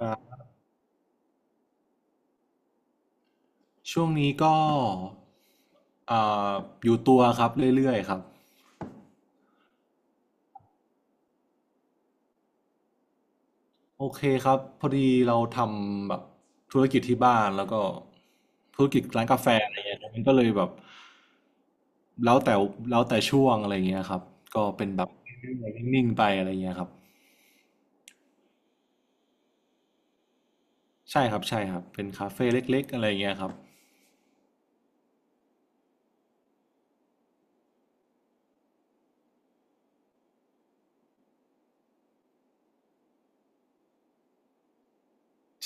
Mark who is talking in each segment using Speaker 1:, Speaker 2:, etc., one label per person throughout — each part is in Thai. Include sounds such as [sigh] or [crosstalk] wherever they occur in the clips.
Speaker 1: ครับช่วงนี้ก็เอ่ออยู่ตัวครับเรื่อยๆครับโอเคครับพอดีเราทำแบบธุรกิจที่บ้านแล้วก็ธุรกิจร้านกาแฟอะไรเงี้ยมันก็เลยแบบแล้วแต่แล้วแต่ช่วงอะไรเงี้ยครับก็เป็นแบบนิ่งๆไปอะไรเงี้ยครับใช่ครับเป็นคาเฟ่เล็กๆอะไรเงี้ยครับ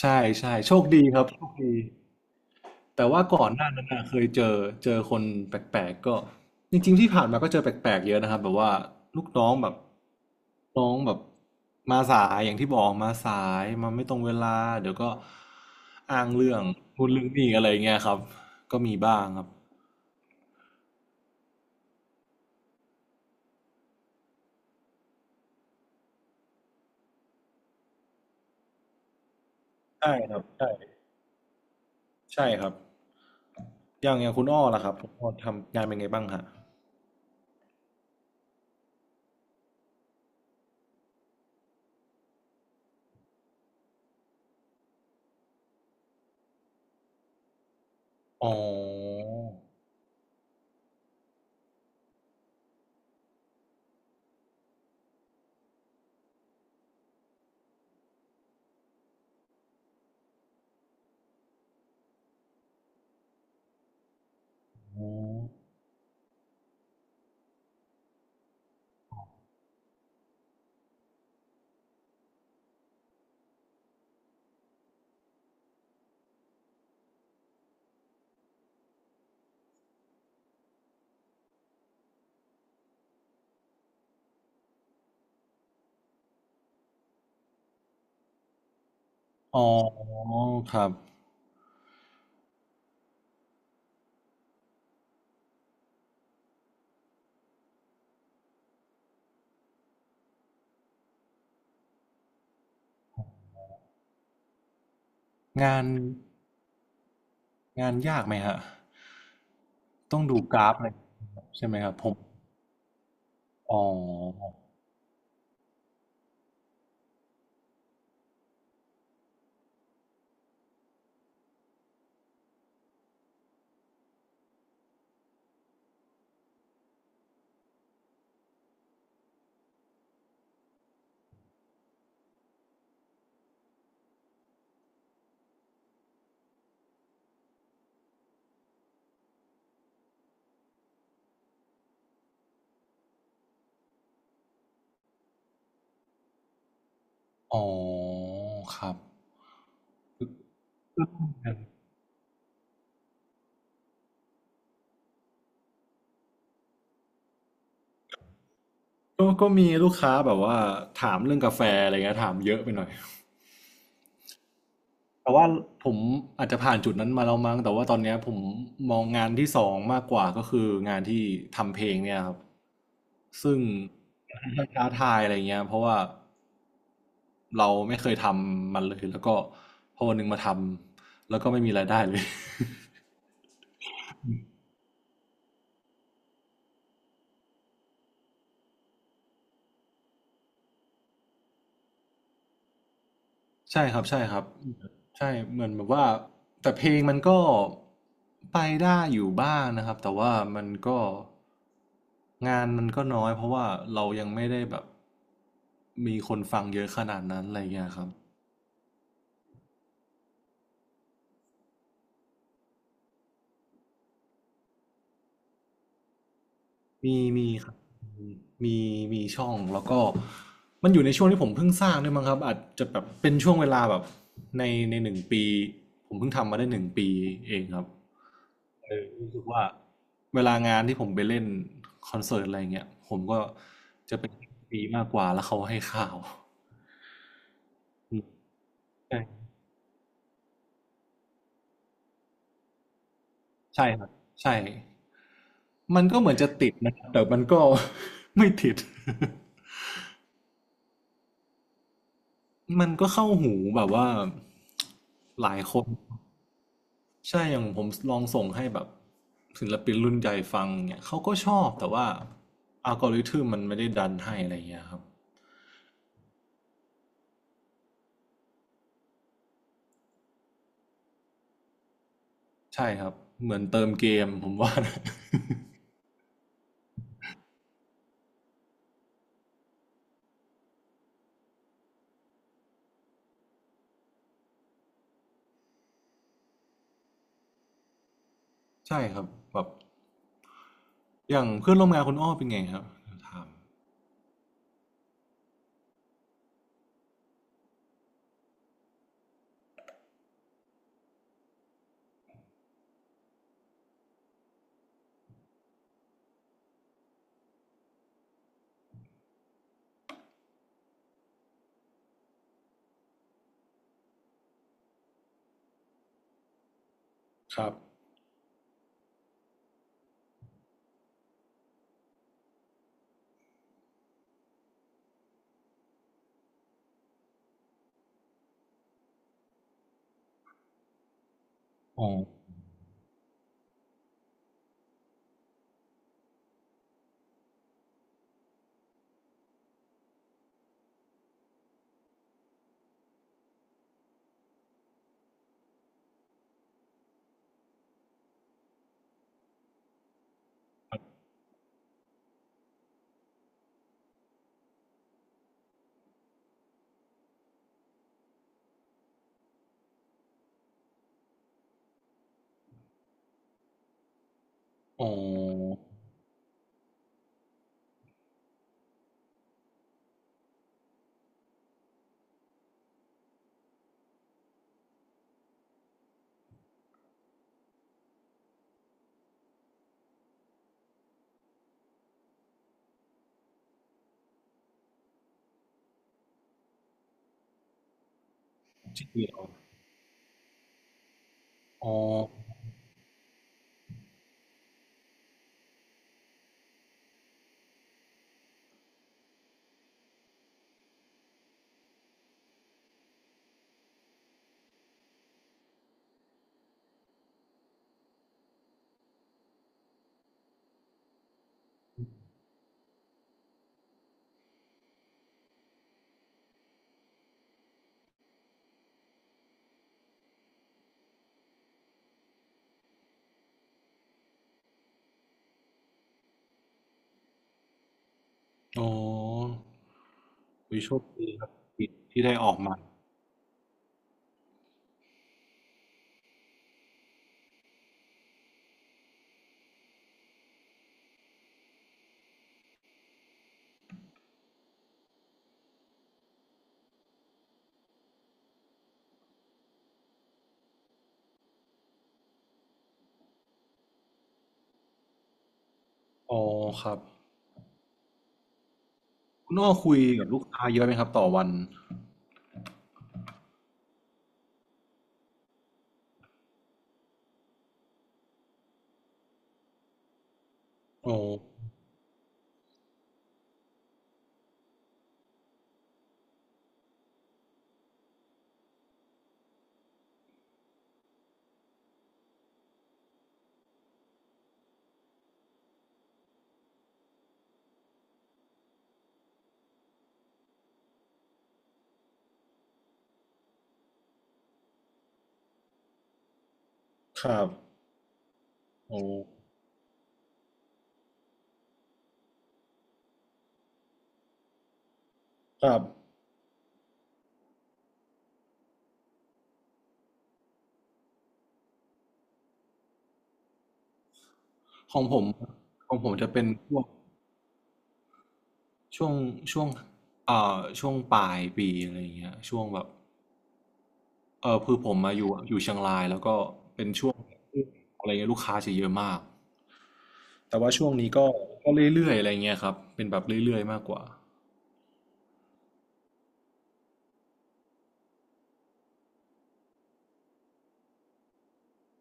Speaker 1: ใช่ใช่โชคดีครับโชคดี แต่ว่าก่อนหน้านั้นน่ะเคยเจอคนแปลกๆก็จริงๆที่ผ่านมาก็เจอแปลกๆเยอะนะครับแบบว่าลูกน้องแบบน้องแบบมาสายอย่างที่บอกมาสายมาไม่ตรงเวลาเดี๋ยวก็อ้างเรื่องนูดเรื่องนีอะไรอย่างเงี้ยครับก็มีบ้างครับใช่ครับใช่ใช่ครับอย่างคุณอ้อล่ะครับคุณอ้อทำงานเป็นไงบ้างฮะอ๋ออ๋ออ๋อครับงาน งานยากไหมฮะต้องดูกราฟอะไรใช่ไหมครับผมอ๋ออ๋อครับกก็มีลูกค้าแบบว่าถามเรื่องกาแฟอะไรเงี้ยถามเยอะไปหน่อยแต่ว่าผมอาจจะผ่านจุดนั้นมาแล้วมั้งแต่ว่าตอนเนี้ยผมมองงานที่สองมากกว่าก็คืองานที่ทำเพลงเนี่ยครับซึ่งมันท้าทายอะไรเงี้ยเพราะว่าเราไม่เคยทำมันเลยแล้วก็พอวันหนึ่งมาทำแล้วก็ไม่มีรายได้เลย ใช่ครับใช่เหมือนแบบว่าแต่เพลงมันก็ไปได้อยู่บ้างนะครับแต่ว่ามันก็งานมันก็น้อยเพราะว่าเรายังไม่ได้แบบมีคนฟังเยอะขนาดนั้นอะไรเงี้ยครับมีมีครับมีมีช่องแล้วก็มันอยู่ในช่วงที่ผมเพิ่งสร้างด้วยมั้งครับอาจจะแบบเป็นช่วงเวลาแบบในในหนึ่งปีผมเพิ่งทำมาได้หนึ่งปีเองครับ เออรู้สึกว่าเวลางานที่ผมไปเล่นคอนเสิร์ตอะไรเงี้ยผมก็จะเป็นปีมากกว่าแล้วเขาให้ข่าวอืมใช่ใช่ครับใช่มันก็เหมือนจะติดนะครับแต่มันก็ [laughs] ไม่ติด [laughs] มันก็เข้าหูแบบว่าหลายคนใช่อย่างผมลองส่งให้แบบศิลปินรุ่นใหญ่ฟังเนี่ยเขาก็ชอบแต่ว่าอัลกอริทึมมันไม่ได้ดันให้อะไรเงี้ยครับใช่ครับเหมือนเติมเกมผมว่านะ ใช่ครับแบบอย่างเพื่อนร่วมงานคุณอ้อเป็นไงครับถามครับอ๋ออ๋อที่เดียวอ๋ออ๋อวิโชคดีครับที่ได้ออกมาอ๋อครับคุณอ้อคุยกับลูกค้าเยอะไหมครับต่อวันอ๋อครับอ๋อครับของผมของผมจะเป็นพวกช่วงช่วงช่วงปลายปีอะไรอย่างเงี้ยช่วงแบบเออคือผมมาอยู่เชียงรายแล้วก็อะไรเงี้ยลูกค้าจะเยอะมาก แต่ว่าช่วงนี้ก็ก็เรื่อยๆอะไรเงี้ยครับเป็นแบบเรื่อยๆมากกว่า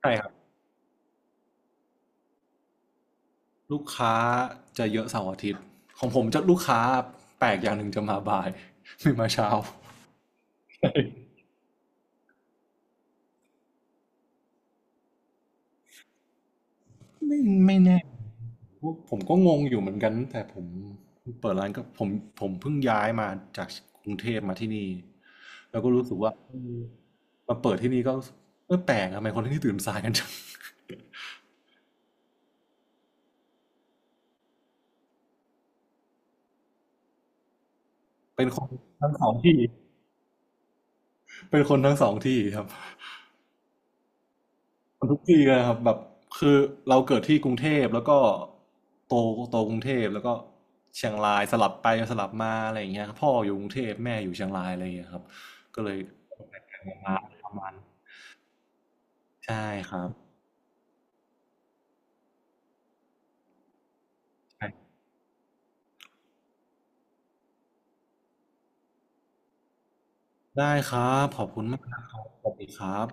Speaker 1: ใช่ครับลูกค้าจะเยอะเสาร์อาทิตย์ของผมจะลูกค้าแปลกอย่างหนึ่งจะมาบ่าย [laughs] ไม่มาเช้า [laughs] ไม่ไม่แน่ผมก็งงอยู่เหมือนกันแต่ผมเปิดร้านก็ผมเพิ่งย้ายมาจากกรุงเทพมาที่นี่แล้วก็รู้สึกว่าเออมาเปิดที่นี่ก็รู้สึกเออแปลกทำไมคนที่นี่ตื่นสายกันจัง [laughs] เป็นคนทั้งสองที่เป็นคนทั้งสองที่ครับ ทุกปีเลยครับแบบคือเราเกิดที่กรุงเทพแล้วก็โตโตกรุงเทพแล้วก็เชียงรายสลับไปสลับมาอะไรอย่างเงี้ยครับพ่ออยู่กรุงเทพแม่อยู่เชียงรายอะไรอย่างเงี้ยครับก็เลยมาประมาณใช่ครับได้ครับขอบคุณมากนะครับสวัสดีครับ